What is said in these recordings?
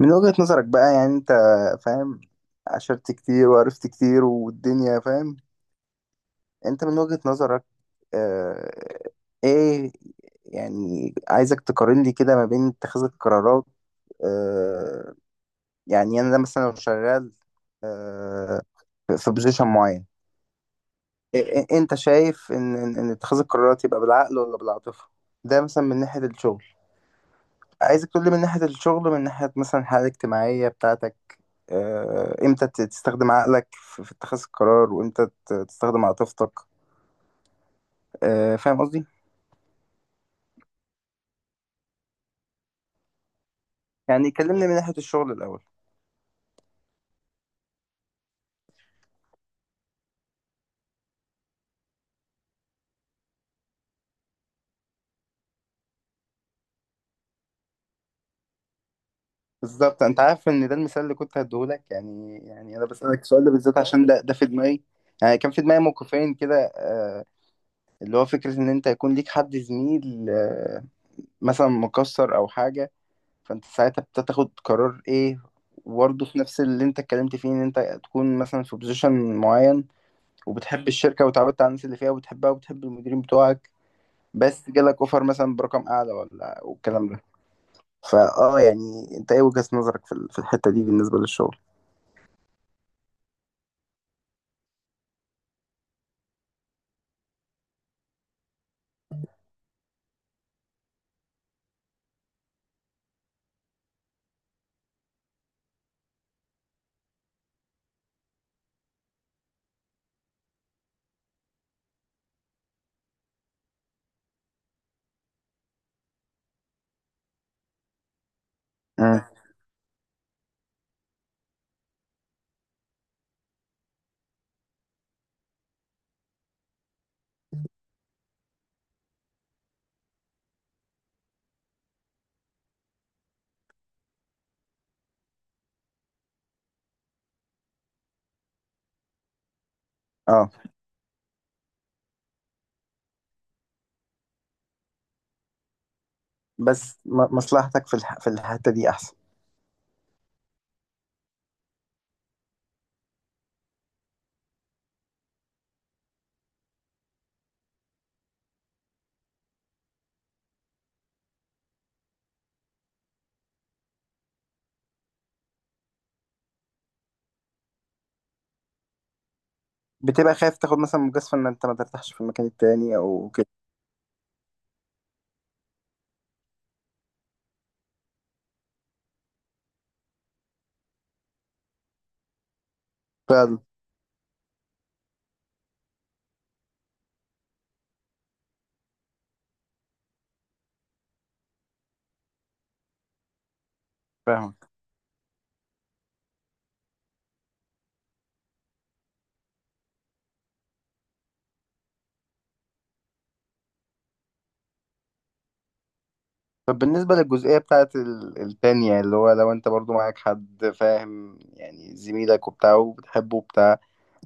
من وجهة نظرك بقى يعني انت فاهم، عشرت كتير وعرفت كتير والدنيا فاهم. انت من وجهة نظرك، اه، ايه، يعني عايزك تقارن لي كده ما بين اتخاذ القرارات. اه، يعني انا مثلا لو شغال، اه، في بوزيشن معين. إيه، إيه انت شايف ان اتخاذ القرارات يبقى بالعقل ولا بالعاطفة؟ ده مثلا من ناحية الشغل. عايزك تقول لي من ناحية الشغل، من ناحية مثلا الحالة الاجتماعية بتاعتك. آه، امتى تستخدم عقلك في اتخاذ القرار وامتى تستخدم عاطفتك؟ آه، فاهم قصدي. يعني كلمني من ناحية الشغل الأول. بالظبط، انت عارف ان ده المثال اللي كنت هديهولك. يعني انا بسألك السؤال ده بالذات عشان ده في دماغي. يعني كان في دماغي موقفين كده، آه، اللي هو فكرة ان انت يكون ليك حد زميل، آه، مثلا مكسر او حاجة، فانت ساعتها بتاخد قرار ايه؟ وبرضه في نفس اللي انت اتكلمت فيه، ان انت تكون مثلا في بوزيشن معين، وبتحب الشركة وتعودت على الناس اللي فيها وبتحبها وبتحب المديرين بتوعك، بس جالك اوفر مثلا برقم اعلى ولا والكلام ده. فاه، يعني انت ايه وجهة نظرك في الحتة دي بالنسبة للشغل؟ مم. اه، بس مصلحتك في الحتة دي احسن. بتبقى خايف تاخد مثلا مجازفة ان انت ما ترتاحش في المكان التاني او كده. فاهم. فاهم. طب بالنسبة للجزئية بتاعت التانية، اللي هو لو انت برضو معاك حد فاهم، يعني زميلك وبتاع وبتحبه وبتاع،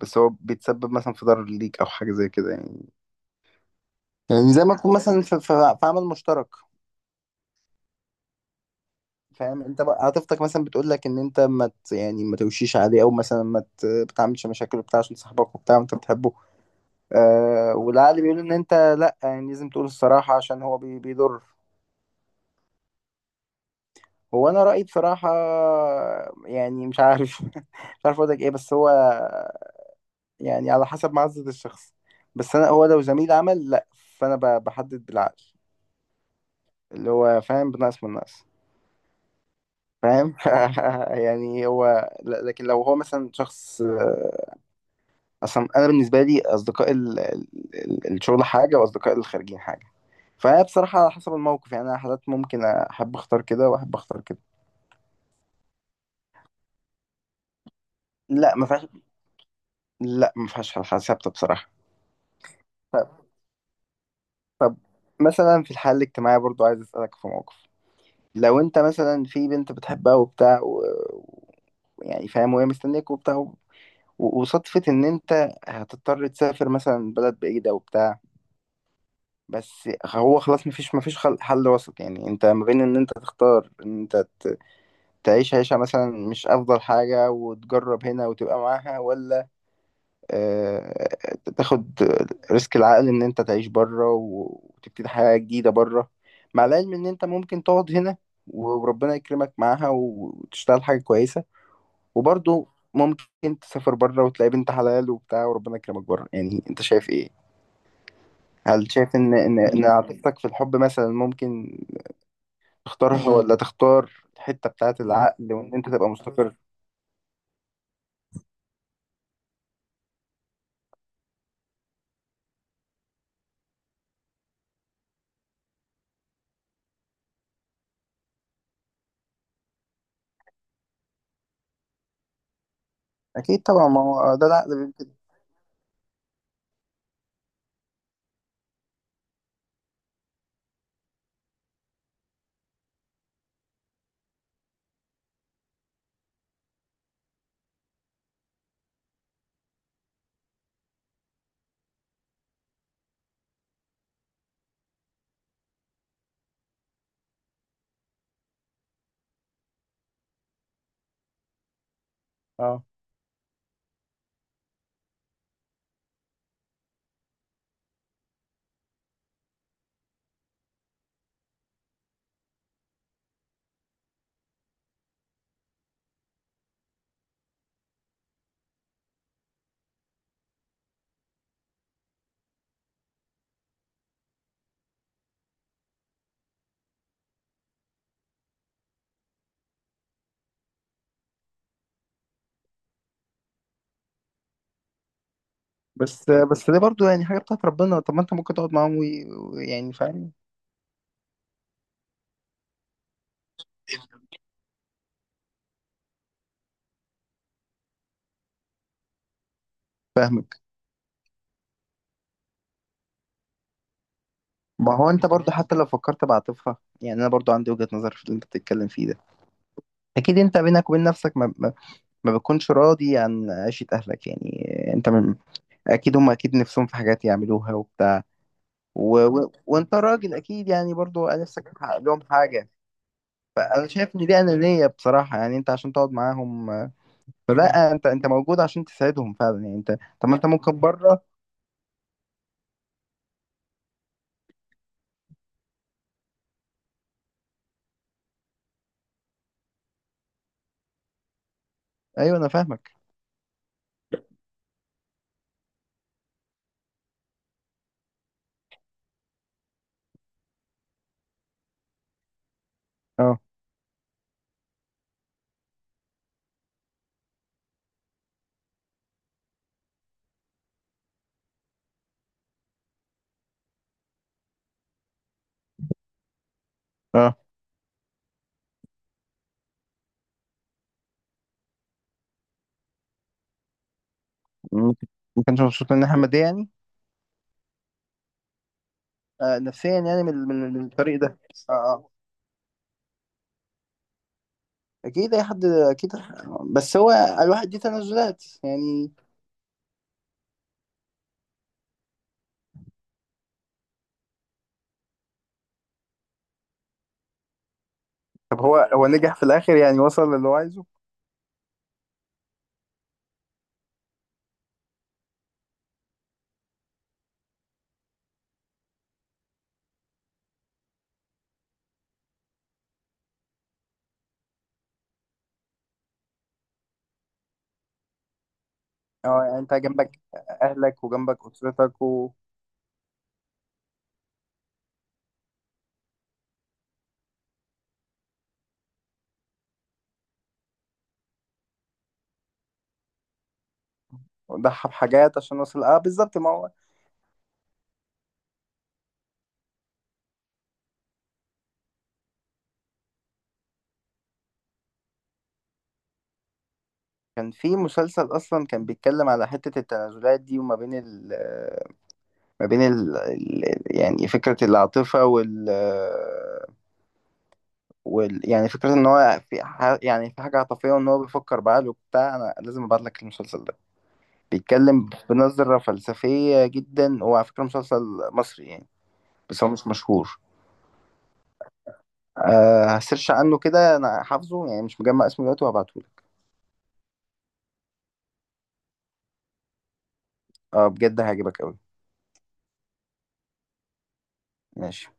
بس هو بيتسبب مثلا في ضرر ليك او حاجة زي كده. يعني يعني زي ما تكون مثلا في عمل مشترك. فاهم انت بقى، عاطفتك مثلا بتقول لك ان انت ما ت- يعني ما توشيش عليه، او مثلا ما ت- بتعملش مشاكل وبتاع عشان صاحبك وبتاع وانت بتحبه. آه، والعقل بيقول ان انت، لا، يعني لازم تقول الصراحة عشان هو بي بيضر. هو انا رأيي بصراحة، يعني مش عارف مش عارف اقول لك ايه، بس هو يعني على حسب معزة الشخص. بس انا هو لو زميل عمل، لا، فانا بحدد بالعقل، اللي هو فاهم، بنقص من نقص. فاهم؟ يعني هو لكن لو هو مثلا شخص، آه، اصلا انا بالنسبه لي اصدقاء الشغل حاجه، واصدقاء الخارجين حاجه. فبصراحه على حسب الموقف، يعني انا حالات ممكن احب اختار كده واحب اختار كده. لا، ما فيهاش. لا، ما فيهاش حاجه ثابته بصراحه. طب. طب مثلا في الحاله الاجتماعيه برضو عايز اسالك في موقف. لو انت مثلا في بنت بتحبها وبتاع و... يعني فاهم، وهي مستنيك وبتاع و- وصدفة إن أنت هتضطر تسافر مثلا بلد بعيدة وبتاع. بس هو خلاص، مفيش حل وسط. يعني انت ما بين ان انت تختار ان انت تعيش عيشة مثلا مش افضل حاجة وتجرب هنا وتبقى معاها، ولا آه، تاخد ريسك العقل ان انت تعيش بره وتبتدي حياة جديدة بره. مع العلم ان انت ممكن تقعد هنا وربنا يكرمك معاها وتشتغل حاجة كويسة، وبرضه ممكن تسافر بره وتلاقي بنت حلال وبتاع وربنا يكرمك بره. يعني انت شايف ايه؟ هل شايف ان عاطفتك في الحب مثلا ممكن تختارها، ولا تختار الحتة بتاعت العقل وإن أنت تبقى مستقر؟ اكيد طبعا، ما هو ده العقل بيقول كده. اه، بس ده برضو يعني حاجه بتاعت ربنا. طب ما انت ممكن تقعد معاهم ويعني فاهم. فاهمك. ما هو انت برضو حتى لو فكرت بعاطفها، يعني انا برضو عندي وجهه نظر في اللي انت بتتكلم فيه ده. اكيد انت بينك وبين نفسك ما بتكونش راضي عن عيشه اهلك. يعني انت من، اكيد هم اكيد نفسهم في حاجات يعملوها وبتاع، وانت راجل اكيد يعني برضو نفسك تحقق لهم حاجه. فانا شايف ان دي انانيه بصراحه، يعني انت عشان تقعد معاهم، آه، فلا، انت موجود عشان تساعدهم فعلا. يعني انت، طب ما انت ممكن بره. ايوه انا فاهمك. اه، اه، ما كانش مبسوط من احمد ده يعني؟ آه، نفسيا يعني من الطريق ده. اه، اه، اكيد اي حد اكيد. بس هو الواحد دي تنازلات يعني. طب هو، هو نجح في الاخر يعني، وصل للي هو عايزه. اه، يعني انت جنبك اهلك وجنبك اسرتك و- وضحى بحاجات عشان وصل. اه، بالظبط ما هو. كان في مسلسل اصلا كان بيتكلم على حتة التنازلات دي، وما بين ال، ما بين ال، يعني فكرة العاطفة وال، وال يعني فكرة ان هو في يعني في حاجة عاطفية، وان هو بيفكر بعقله وبتاع. انا لازم ابعت لك المسلسل ده، بيتكلم بنظرة فلسفية جدا. هو على فكرة مسلسل مصري يعني، بس هو مش مشهور. أه، هسيرش عنه كده، انا حافظه يعني مش مجمع اسمه دلوقتي، وهبعته لك. اه بجد هيعجبك قوي. ماشي.